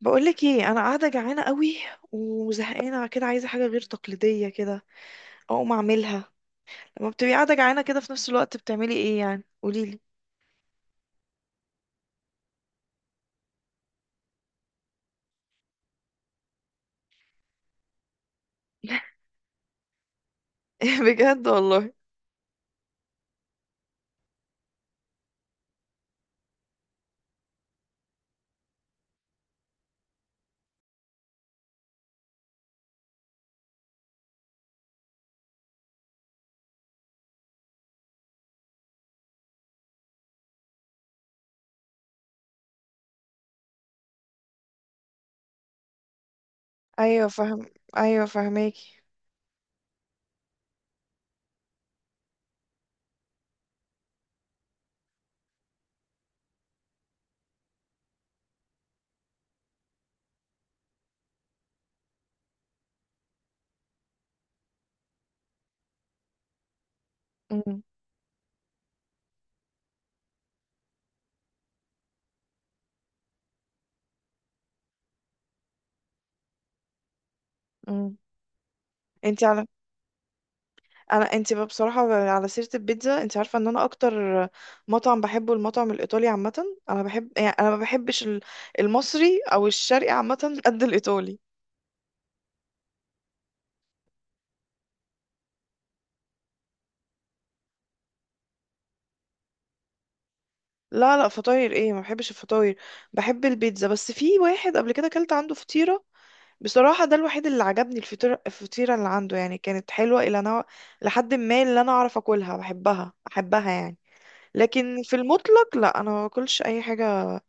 بقولك ايه، انا قاعده جعانه قوي وزهقانه كده، عايزه حاجه غير تقليديه كده اقوم اعملها. لما بتبقي قاعده جعانه كده في نفس الوقت بتعملي ايه يعني؟ قوليلي. بجد والله. ايوه فاهم. ايوه فاهماكي. امم. امم. انت على انا بقى بصراحه، على سيره البيتزا انت عارفه ان انا اكتر مطعم بحبه المطعم الايطالي عامه. انا بحب، يعني انا ما بحبش المصري او الشرقي عامه قد الايطالي. لا لا، فطاير ايه؟ ما بحبش الفطاير. بحب البيتزا. بس في واحد قبل كده اكلت عنده فطيرة بصراحة، ده الوحيد اللي عجبني. الفطيرة الفطيرة اللي عنده يعني كانت حلوة الى نوع، لحد ما اللي انا اعرف اكلها بحبها احبها يعني. لكن في المطلق لا، انا ما باكلش اي حاجة.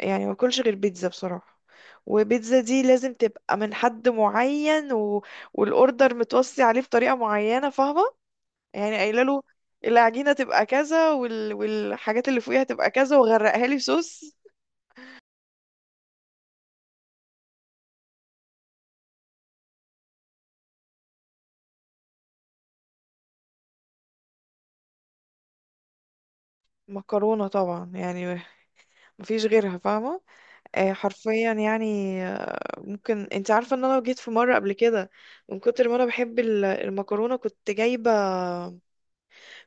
يعني ما باكلش غير بيتزا بصراحة. وبيتزا دي لازم تبقى من حد معين والاوردر متوصي عليه بطريقة معينة، فاهمة؟ يعني قايله له العجينة تبقى كذا والحاجات اللي فوقيها تبقى كذا، وغرقها لي صوص. مكرونة طبعا يعني، مفيش غيرها فاهمة. آه حرفيا يعني. آه ممكن، انت عارفة ان انا جيت في مرة قبل كده من كتر ما انا بحب المكرونة، كنت جايبة،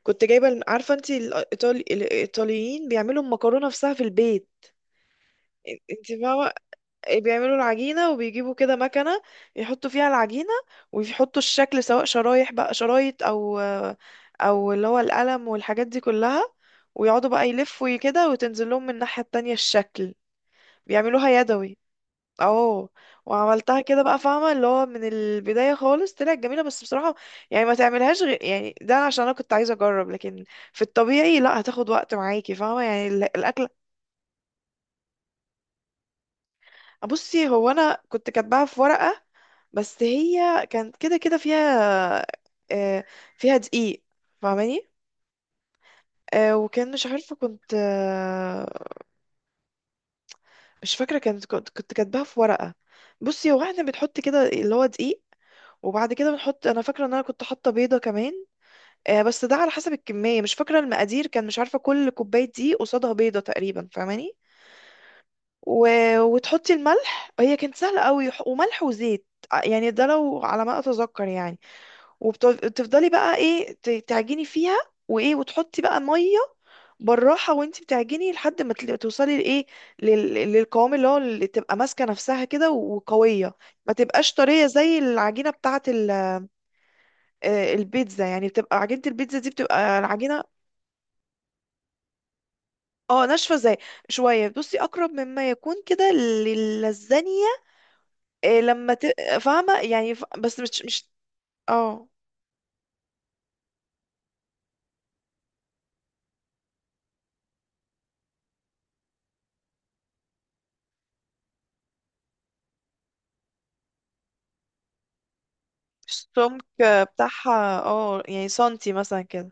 كنت جايبة عارفة انت الايطاليين بيعملوا المكرونة نفسها في البيت. انت فاهمة؟ بيعملوا العجينة وبيجيبوا كده مكنة، يحطوا فيها العجينة، ويحطوا الشكل سواء شرايح بقى، شرايط أو اللي هو القلم والحاجات دي كلها، ويقعدوا بقى يلفوا كده وتنزل لهم من الناحية التانية الشكل. بيعملوها يدوي. اه. وعملتها كده بقى فاهمة، اللي هو من البداية خالص طلعت جميلة بس بصراحة يعني ما تعملهاش غير يعني، ده عشان انا كنت عايزة اجرب. لكن في الطبيعي لا، هتاخد وقت معاكي فاهمة يعني الاكل. بصي، هو انا كنت كاتباها في ورقة بس هي كانت كده كده فيها، آه، فيها دقيق فاهماني. وكان مش عارفة كنت، مش فاكرة كانت، كنت كاتباها في ورقة. بصي هو احنا بنحط كده اللي هو دقيق، وبعد كده بنحط، انا فاكرة ان انا كنت حاطة بيضة كمان. بس ده على حسب الكمية، مش فاكرة المقادير، كان مش عارفة كل كوباية دقيق قصادها بيضة تقريبا فاهماني. و... وتحطي الملح، هي كانت سهلة قوي، وملح وزيت يعني ده لو على ما اتذكر يعني. وتفضلي بقى ايه، تعجني فيها. وايه، وتحطي بقى ميه بالراحه وانت بتعجني لحد ما توصلي لايه، للقوام اللي هو اللي تبقى ماسكه نفسها كده وقويه. ما تبقاش طريه زي العجينه بتاعه البيتزا يعني، بتبقى عجينه البيتزا دي بتبقى العجينه. اه ناشفه زي شويه، بصي اقرب مما يكون كده للزانيه لما ت... فاهمه يعني بس مش. اه، السمك بتاعها اه يعني سنتي مثلا كده.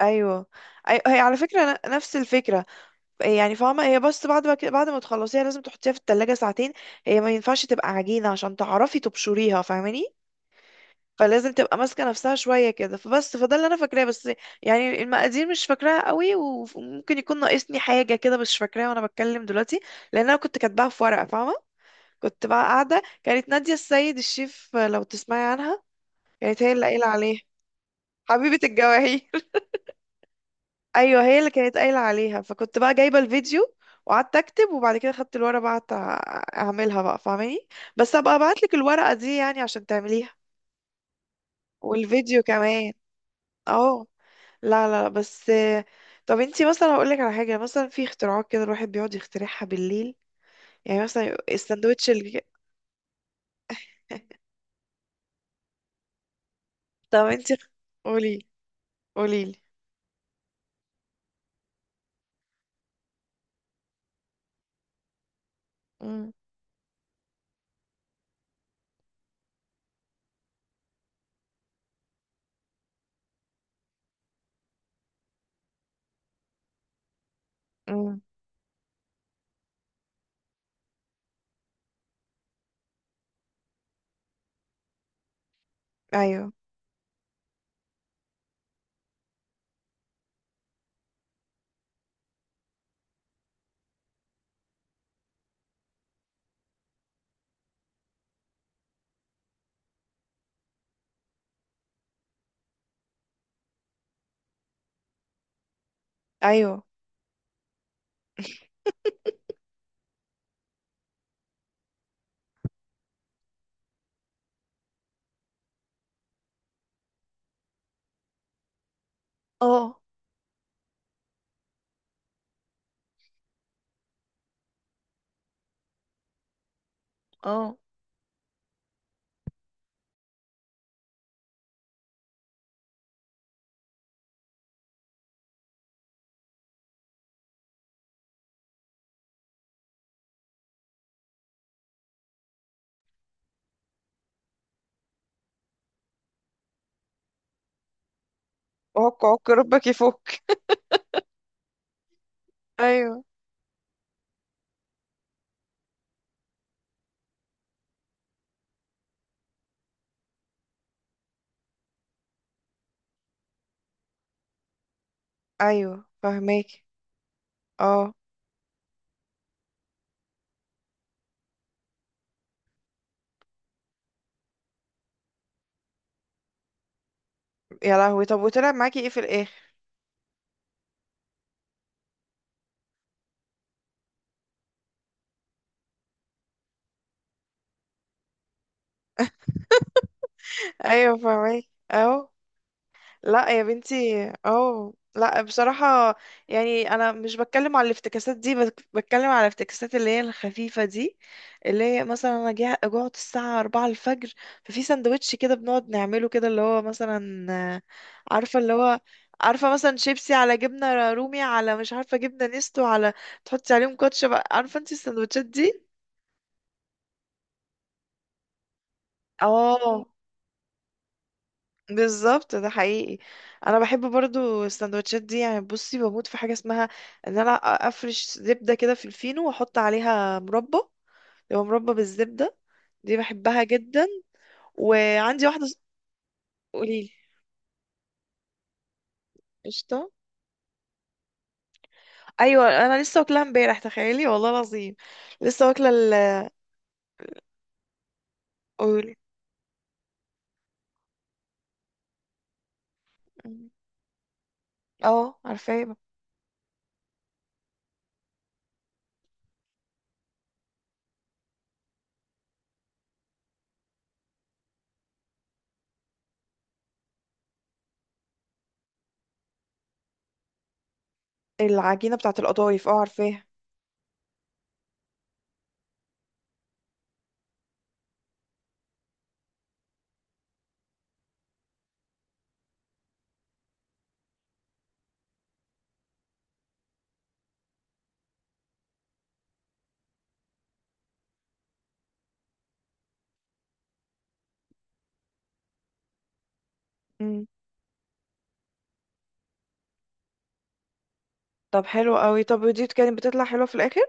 ايوه هي على فكره نفس الفكره يعني فاهمه، هي بس بعد ما بعد ما تخلصيها لازم تحطيها في التلاجة ساعتين. هي ما ينفعش تبقى عجينه عشان تعرفي تبشريها فاهماني. فلازم تبقى ماسكه نفسها شويه كده، فبس فده اللي انا فاكراه بس. يعني المقادير مش فاكراها قوي وممكن يكون ناقصني حاجه كده، مش فاكراها وانا بتكلم دلوقتي لان انا كنت كاتباها في ورقه فاهمه. كنت بقى قاعده، كانت ناديه السيد الشيف لو تسمعي عنها، كانت هي اللي قايله عليه. حبيبه الجواهي. ايوه هي اللي كانت قايله عليها، فكنت بقى جايبه الفيديو وقعدت اكتب، وبعد كده خدت الورقه بقى قعدت اعملها بقى فاهماني. بس ابقى ابعت لك الورقه دي يعني عشان تعمليها، والفيديو كمان. اه. لا لا لا، بس. طب انتي مثلا، هقول لك على حاجه، مثلا في اختراعات كده الواحد بيقعد يخترعها بالليل، يعني مثلا الساندوتش اللي. طب انتي، قولي قولي لي. امم. امم. ايوه. ايوه. اه. اه. عك عك ربك يفك. ايوه. ايوه فهماكي. اه. يا لهوي طب وطلع معاكي ايه في الاخر؟ ايوه فاهمك. اهو. لا يا بنتي اهو، لا بصراحة يعني انا مش بتكلم على الافتكاسات دي، بتكلم على الافتكاسات اللي هي الخفيفة دي، اللي هي مثلا انا جوعت الساعة 4 الفجر، ففي سندوتش كده بنقعد نعمله كده اللي هو مثلا، عارفة اللي هو، عارفة مثلا شيبسي على جبنة رومي على مش عارفة جبنة نستو على، تحطي عليهم كاتشب عارفة انت السندوتشات دي. اه بالظبط، ده حقيقي. انا بحب برضو السندوتشات دي، يعني بصي بموت في حاجه اسمها ان انا افرش زبده كده في الفينو واحط عليها مربى، لو مربى بالزبده دي بحبها جدا. وعندي واحده قوليلي. قشطه. ايوه انا لسه واكلها امبارح، تخيلي والله العظيم لسه واكله ال. قولي. اه عارفاها. العجينه بتاعه القطايف اه عارفاها. مم. طب حلو قوي، طب ودي كانت بتطلع حلوه في الاخر؟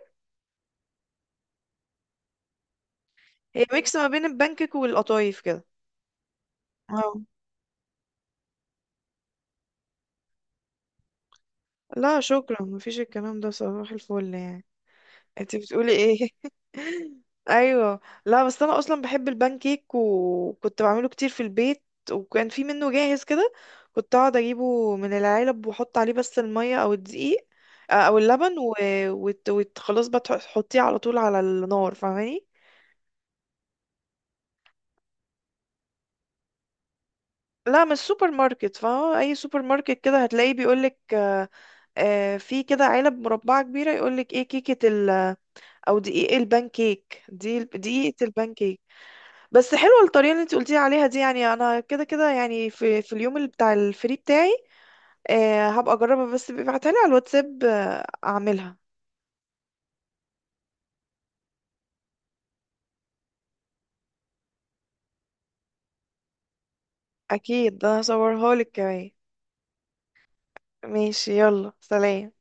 هي ميكس ما بين البانكيك والقطايف كده. اه لا شكرا، مفيش الكلام ده، صباح الفل يعني. انت بتقولي ايه؟ ايوه. لا بس انا اصلا بحب البان كيك وكنت بعمله كتير في البيت، وكان في منه جاهز كده كنت اقعد اجيبه من العلب واحط عليه بس الميه او الدقيق، او اللبن خلاص بقى تحطيه على طول على النار فاهماني. لا من السوبر ماركت، فا اي سوبر ماركت كده هتلاقيه بيقولك، في كده علب مربعة كبيرة يقولك ايه، كيكة او دقيق البانكيك دي، دقيقة البانكيك. بس حلوة الطريقة اللي انت قلتي عليها دي، يعني انا كده كده يعني في اليوم اللي بتاع الفري بتاعي آه هبقى اجربها، بس ابعتها لي على الواتساب آه اعملها. اكيد، ده انا هصورها لك كمان. ماشي يلا سلام.